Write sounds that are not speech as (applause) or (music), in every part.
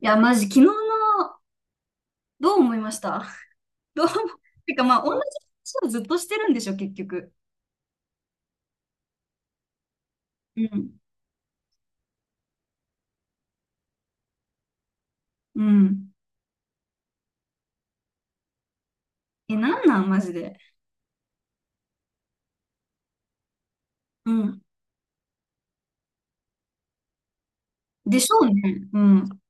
いや、マジ、昨日の、どう思いました？ (laughs) どう思てか、まあ、同じ話をずっとしてるんでしょ、結局。うん。うん。え、なんなん、マジで。うん。でしょうね。うん。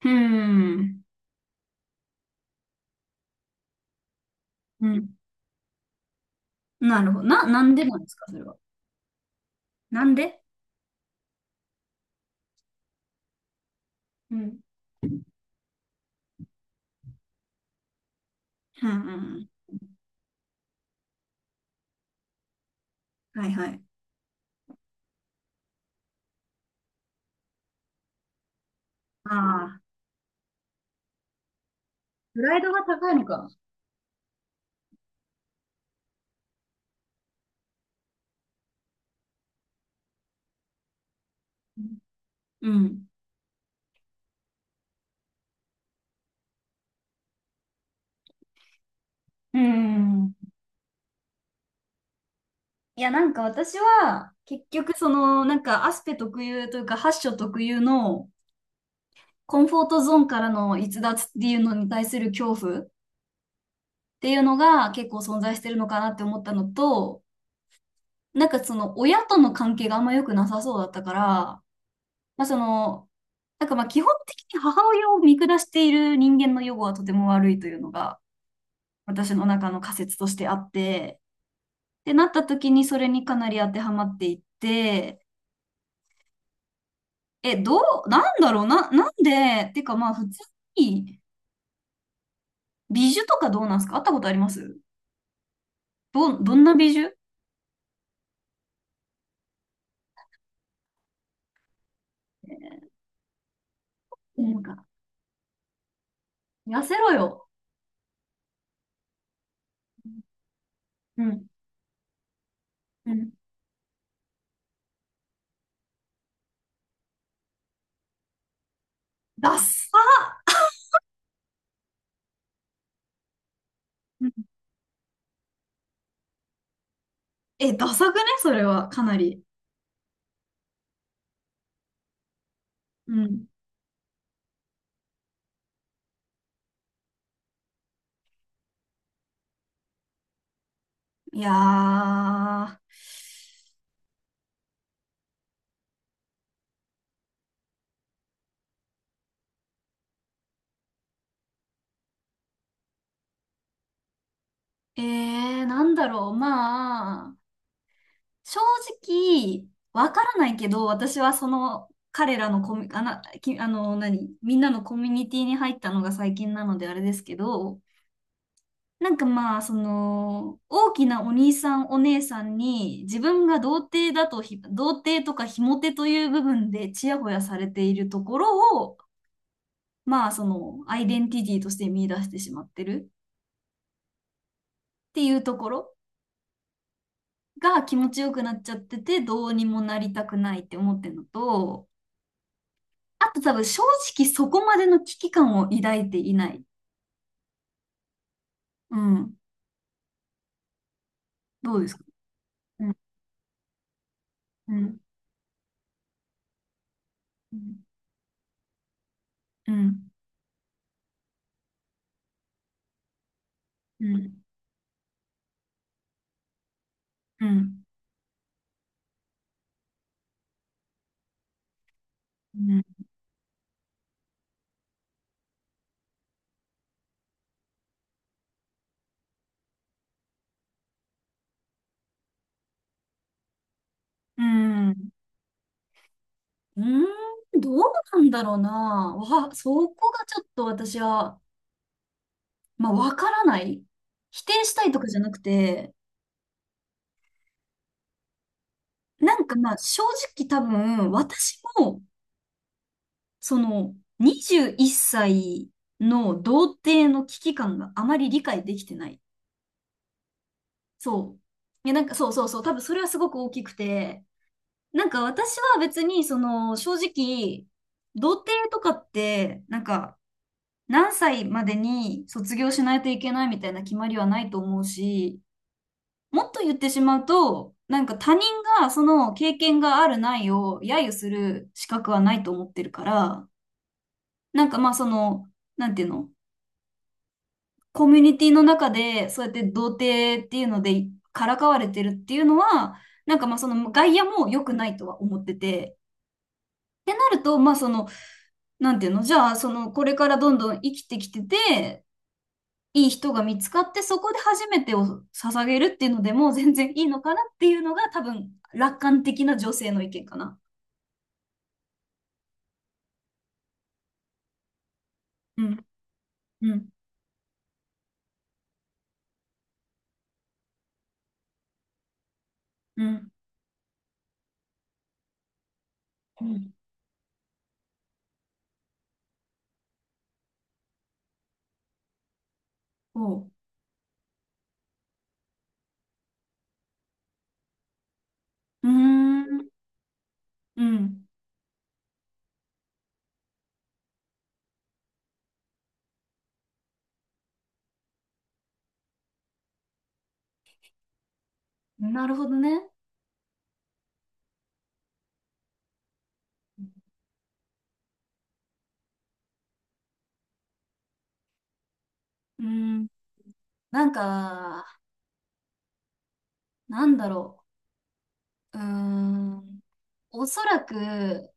うん。うん。なるほど。なんでなんですか、それは。なんでうん。うん、うん。はいはい。ああ、プライドが高いのか。うん。うん。いや、なんか私は、結局、その、なんか、アスペ特有というか、ハッショ特有の、コンフォートゾーンからの逸脱っていうのに対する恐怖っていうのが結構存在してるのかなって思ったのと、なんかその親との関係があんま良くなさそうだったから、まあその、なんかまあ基本的に母親を見下している人間の予後はとても悪いというのが私の中の仮説としてあって、ってなった時にそれにかなり当てはまっていって、え、どう、なんだろうな、なんで、てかまあ普通に美女とかどうなんですか？会ったことあります？どんな美女？なんか、痩せろよ。うん。うん。ダサー。え、ダサくねそれは、かなり。うん。いやー、なんだろう、まあ、正直、わからないけど、私はその、彼らのコミ、あな、き、あの、何、みんなのコミュニティに入ったのが最近なのであれですけど、なんかまあ、その、大きなお兄さんお姉さんに、自分が童貞だと童貞とかひも手という部分でちやほやされているところを、まあ、その、アイデンティティとして見出してしまってるっていうところが気持ちよくなっちゃってて、どうにもなりたくないって思ってるのと、あと多分正直そこまでの危機感を抱いていない。うん。どうですか？うん。うん。うん。うん。うん。うん。うん。うーん、どうなんだろうな。そこがちょっと私は、まあ、わからない。否定したいとかじゃなくて、なんかまあ、正直多分、私も、その、21歳の童貞の危機感があまり理解できてない。そう。いや、なんかそうそうそう、多分それはすごく大きくて、なんか私は別に、その、正直、童貞とかって、なんか、何歳までに卒業しないといけないみたいな決まりはないと思うし、もっと言ってしまうと、なんか他人がその経験があるないを揶揄する資格はないと思ってるから、なんかまあその、なんていうの、コミュニティの中でそうやって童貞っていうのでからかわれてるっていうのは、なんかまあその外野も良くないとは思ってて、ってなると、まあその、なんていうの、じゃあ、その、これからどんどん生きてきてて、いい人が見つかって、そこで初めてを捧げるっていうのでも全然いいのかなっていうのが多分楽観的な女性の意見かな。うん、うん、うん。うん。おう。うーん。うん。なるほどね。うん。なんか、なんだろう。うーん。おそらく、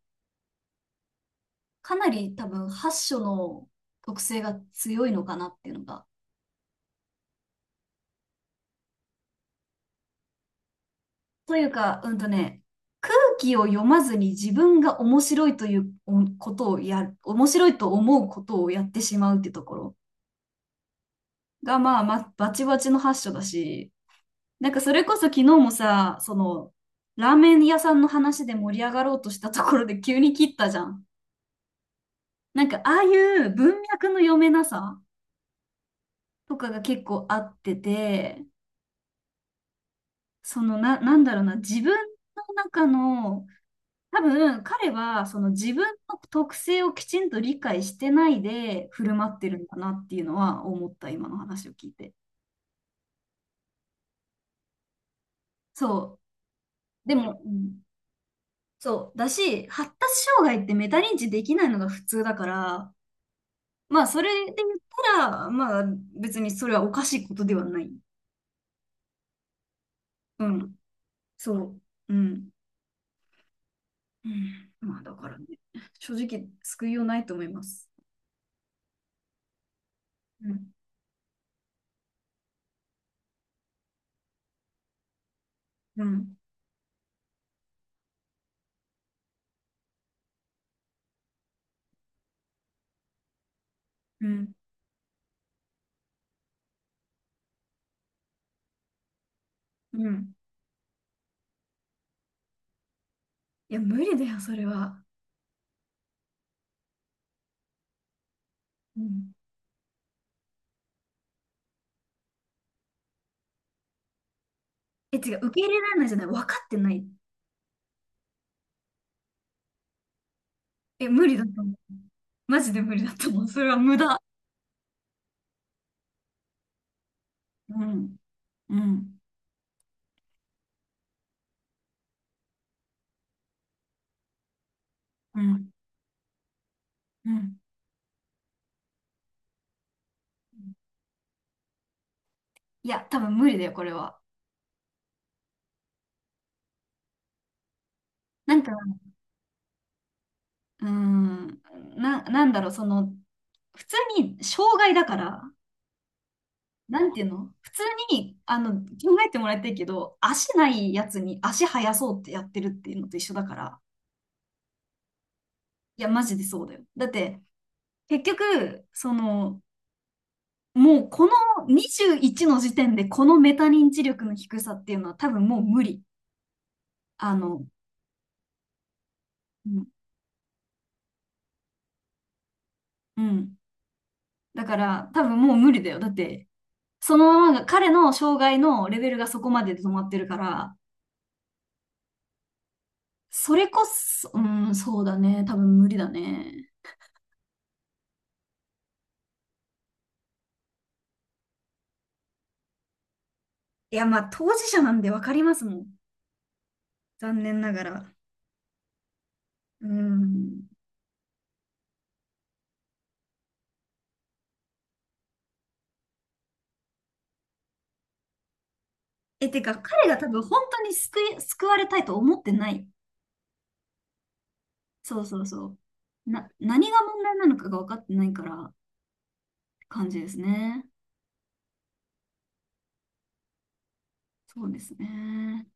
かなり多分、8書の特性が強いのかなっていうのが、というか、うんとね、空気を読まずに自分が面白いというおことをやる、面白いと思うことをやってしまうってところが、まあ、バチバチの発祥だし、なんかそれこそ昨日もさ、その、ラーメン屋さんの話で盛り上がろうとしたところで急に切ったじゃん。なんかああいう文脈の読めなさとかが結構あってて、そのな、なんだろうな、自分の中の多分彼はその自分の特性をきちんと理解してないで振る舞ってるんだなっていうのは思った今の話を聞いて。そう。でも、うん、そうだし発達障害ってメタ認知できないのが普通だから、まあそれで言ったらまあ別にそれはおかしいことではない。うん。そう。うん。うん、まあだからね、正直救いようないと思います。うん。うん。うん。うん。いや無理だよそれは。うん。え、違う、受け入れられないじゃない、分かってない。え、無理だと思う。マジで無理だと思う。それは無駄。うん、うん、うん、うん。いや、多分無理だよ、これは。なんか、うーん、なんだろう、その、普通に障害だから、なんていうの普通に、あの、考えてもらいたいけど、足ないやつに足生やそうってやってるっていうのと一緒だから、いや、マジでそうだよ。だって、結局、その、もうこの21の時点でこのメタ認知力の低さっていうのは多分もう無理。あの、うん。うん、だから多分もう無理だよ。だって、そのままが彼の障害のレベルがそこまでで止まってるから、それこそ、うん、そうだね。多分無理だね。いや、まあ当事者なんでわかりますもん。残念ながら。うん。え、てか彼が多分本当に救われたいと思ってない。そうそうそう。何が問題なのかが分かってないから。感じですね。そうですね。